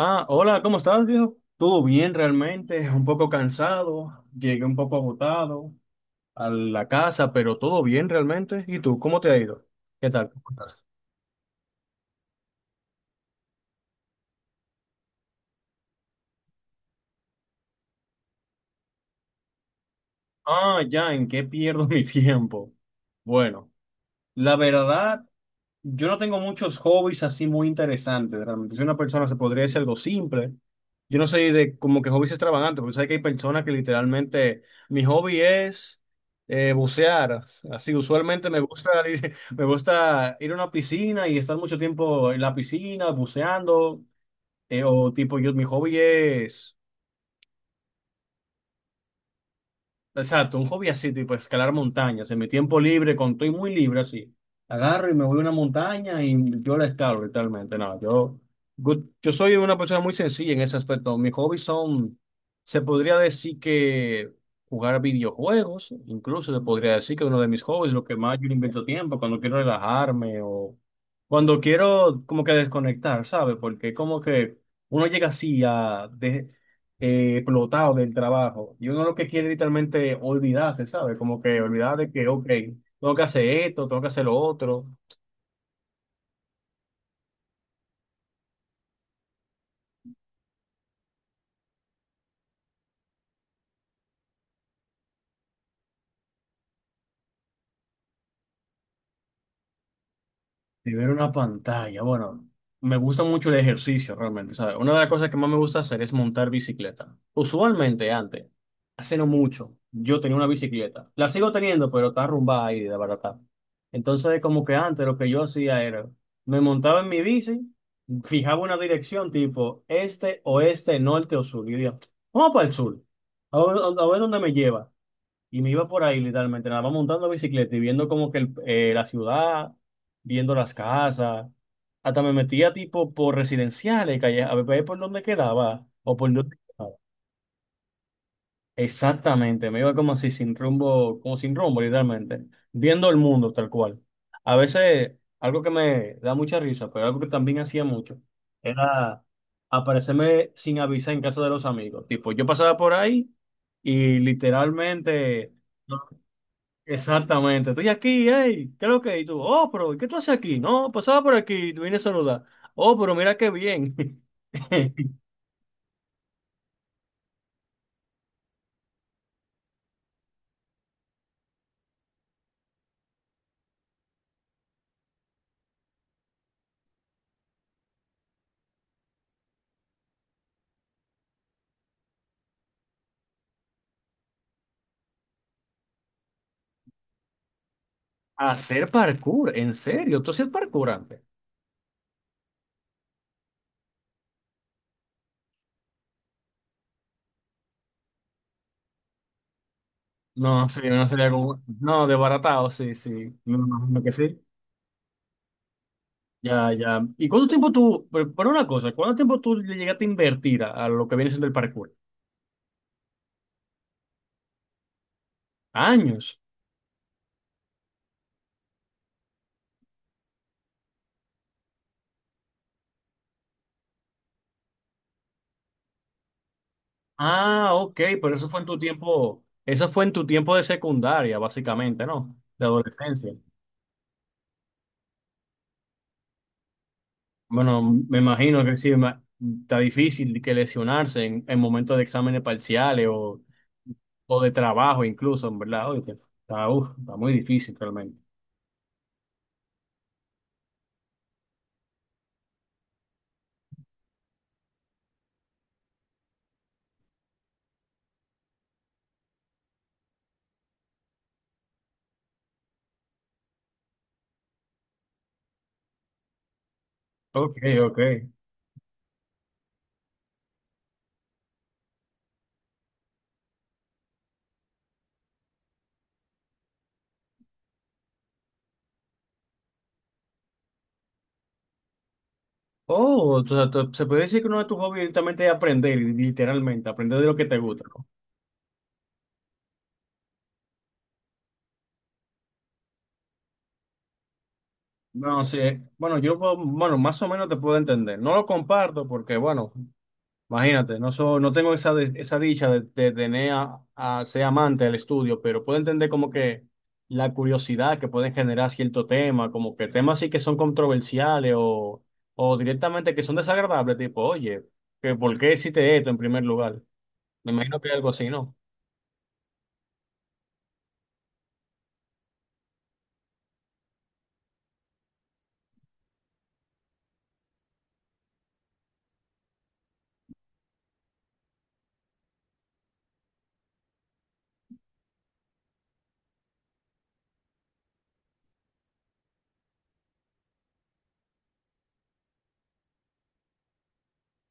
Ah, hola, ¿cómo estás, viejo? Todo bien realmente, un poco cansado, llegué un poco agotado a la casa, pero todo bien realmente. ¿Y tú, cómo te ha ido? ¿Qué tal? ¿Cómo estás? Ah, ya, ¿en qué pierdo mi tiempo? Bueno, la verdad. Yo no tengo muchos hobbies así muy interesantes, realmente. Soy una persona, se podría decir algo simple. Yo no soy de como que hobbies extravagantes, porque sabes que hay personas que literalmente, mi hobby es bucear. Así, usualmente me gusta ir, me gusta ir a una piscina y estar mucho tiempo en la piscina buceando. O tipo, yo, mi hobby es. Exacto, un hobby así, tipo escalar montañas. En mi tiempo libre, cuando estoy muy libre, así, agarro y me voy a una montaña y yo la escalo literalmente. No, yo, yo soy una persona muy sencilla en ese aspecto. Mis hobbies son, se podría decir que jugar videojuegos, incluso se podría decir que uno de mis hobbies, lo que más yo le invento tiempo, cuando quiero relajarme o cuando quiero como que desconectar, ¿sabes? Porque como que uno llega así a, explotado del trabajo. Y uno lo que quiere literalmente olvidarse, ¿sabes? Como que olvidar de que, ok, tengo que hacer esto, tengo que hacer lo otro. De ver una pantalla, bueno, me gusta mucho el ejercicio realmente, ¿sabes? Una de las cosas que más me gusta hacer es montar bicicleta. Usualmente antes, hace no mucho, yo tenía una bicicleta. La sigo teniendo, pero está arrumbada ahí, de barata. Entonces, como que antes lo que yo hacía era, me montaba en mi bici, fijaba una dirección tipo este, oeste, norte o sur. Y yo decía, vamos para el sur, a ver dónde me lleva. Y me iba por ahí literalmente, nada más montando bicicleta y viendo como que la ciudad, viendo las casas. Hasta me metía tipo por residenciales, calle, a ver por dónde quedaba o por dónde quedaba. Exactamente, me iba como así sin rumbo, como sin rumbo literalmente, viendo el mundo tal cual. A veces, algo que me da mucha risa, pero algo que también hacía mucho, era aparecerme sin avisar en casa de los amigos. Tipo, yo pasaba por ahí y literalmente... Exactamente. Estoy aquí, hey, ¿qué es lo que? Y tú, oh, pero ¿y qué tú haces aquí? No, pasaba por aquí, y te vine a saludar. Oh, pero mira qué bien. Hacer parkour, ¿en serio? ¿Tú hacías parkour antes? No, sí, no sería como... No, desbaratado, sí, sí. Me imagino que sí. Ya, ya. ¿Y cuánto tiempo tú, pero una cosa, cuánto tiempo tú le llegaste a invertir a lo que viene siendo el parkour? Años. Ah, ok, pero eso fue en tu tiempo, eso fue en tu tiempo de secundaria, básicamente, ¿no? De adolescencia. Bueno, me imagino que sí, está difícil que lesionarse en momentos de exámenes parciales o de trabajo incluso, en verdad. Oye, está, uf, está muy difícil realmente. Ok, ok. Oh, o sea, se puede decir que uno de tus hobbies directamente es aprender, literalmente, aprender de lo que te gusta, ¿no? No, sí, bueno, yo, bueno, más o menos te puedo entender. No lo comparto porque, bueno, imagínate, no, no tengo esa, esa dicha de tener a ser amante del estudio, pero puedo entender como que la curiosidad que pueden generar cierto tema, como que temas sí que son controversiales o directamente que son desagradables, tipo, oye, que ¿por qué hiciste esto en primer lugar? Me imagino que algo así, ¿no?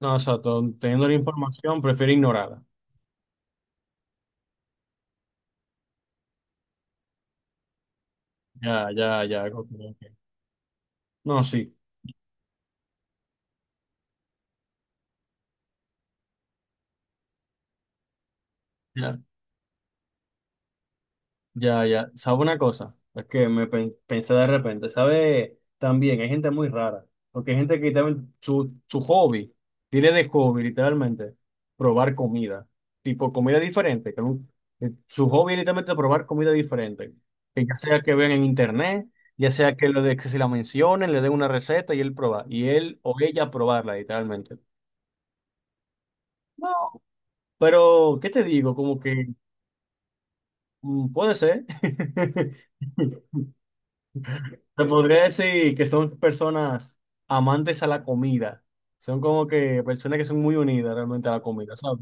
No, exacto, teniendo la información, prefiero ignorarla. Ya, ya, ya. Ok, ok. No, sí. Ya, ya. ¿Sabe una cosa? Es que me pensé de repente. ¿Sabe? También hay gente muy rara. Porque hay gente que también su hobby, tiene de hobby literalmente probar comida. Tipo comida diferente. Que su hobby es literalmente probar comida diferente. Que ya sea que vean en internet, ya sea que, lo de, que se la mencionen, le den una receta y él proba. Y él o ella probarla literalmente. No, pero ¿qué te digo? Como que mm, puede ser. Te podría decir que son personas amantes a la comida. Son como que personas que son muy unidas realmente a la comida, ¿sabes?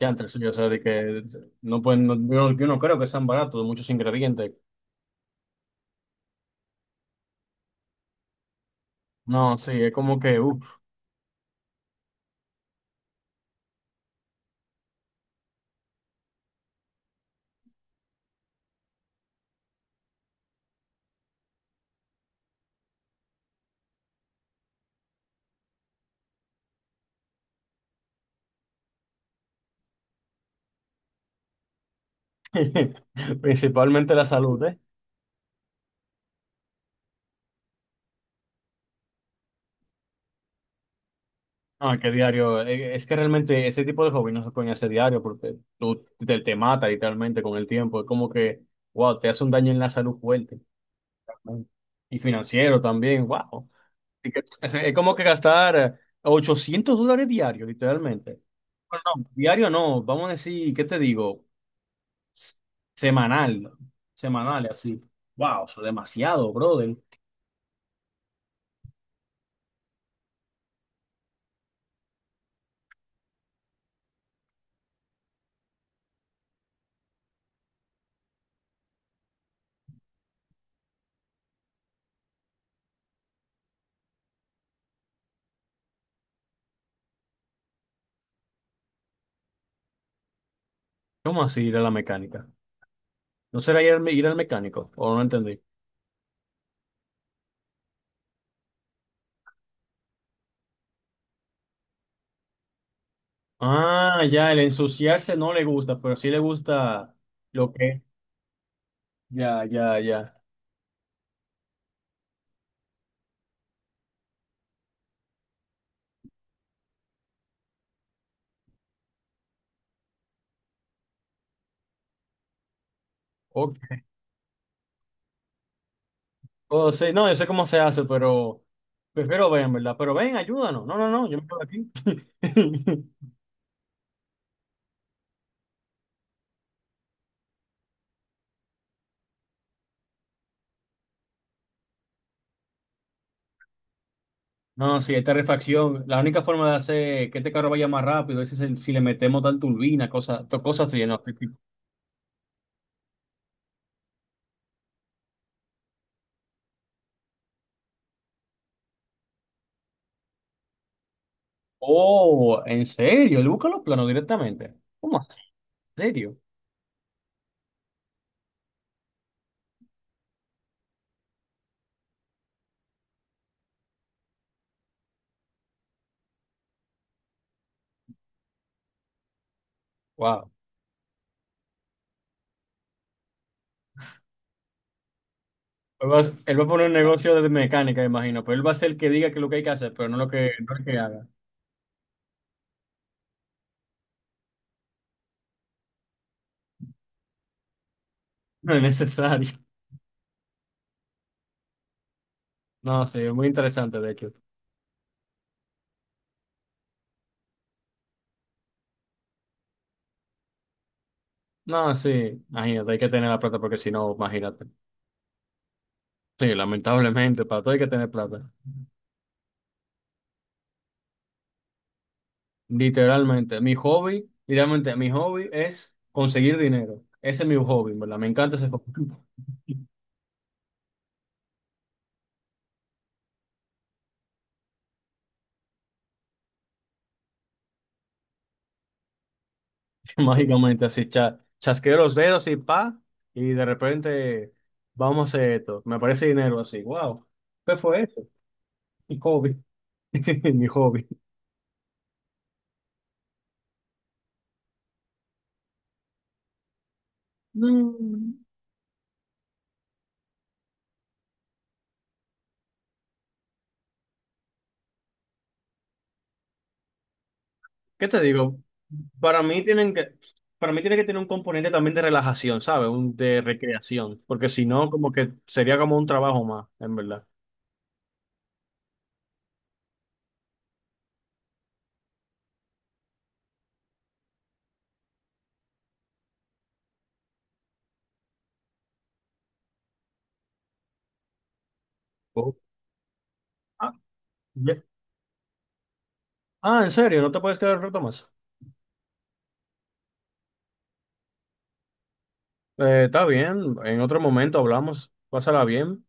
Ya entre sí, o sea, de que no pueden, no, yo no creo que sean baratos, muchos ingredientes. No, sí, es como que, uff, principalmente la salud, ¿eh? No, que diario, es que realmente ese tipo de hobby no se pueden hacer diario porque tú te, te mata literalmente con el tiempo. Es como que, wow, te hace un daño en la salud fuerte. ¿No? Y financiero también, wow. Y es como que gastar $800 diarios, literalmente. Diario no, vamos a decir, ¿qué te digo? S- Semanal, semanal, así. Wow, eso es demasiado, brother. ¿Cómo así ir a la mecánica? ¿No será ir al, ir al mecánico? ¿O no entendí? Ah, ya, el ensuciarse no le gusta, pero sí le gusta lo que... Ya, ya, ya. Ok. O sea, no, yo sé cómo se hace, pero prefiero ven, ¿verdad? Pero ven, ayúdanos. No, no, no, yo me quedo aquí. No, sí, esta refacción, la única forma de hacer que este carro vaya más rápido es si, si le metemos tal turbina, cosas, cosas así, ¿no? Tipo. Oh, ¿en serio? Él busca los planos directamente. ¿Cómo así? ¿En serio? Wow. Él va a poner un negocio de mecánica, imagino, pero él va a ser el que diga que es lo que hay que hacer, pero no lo que, no el que haga. No es necesario. No, sí, es muy interesante, de hecho. No, sí, imagínate, hay que tener la plata porque si no, imagínate. Sí, lamentablemente, para todo hay que tener plata. Literalmente, mi hobby es conseguir dinero. Ese es mi hobby, en ¿verdad? Me encanta ese hobby. Mágicamente, así, chasqueo los dedos y pa, y de repente, vamos a hacer esto. Me aparece dinero así, wow. ¿Qué fue eso? Mi hobby, mi hobby. Mm, ¿qué te digo? Para mí tienen que, para mí tiene que tener un componente también de relajación, ¿sabes? Un de recreación, porque si no, como que sería como un trabajo más, en verdad. Oh. Ah, ah, ¿en serio? ¿No te puedes quedar un rato más? Está bien, en otro momento hablamos. Pásala bien.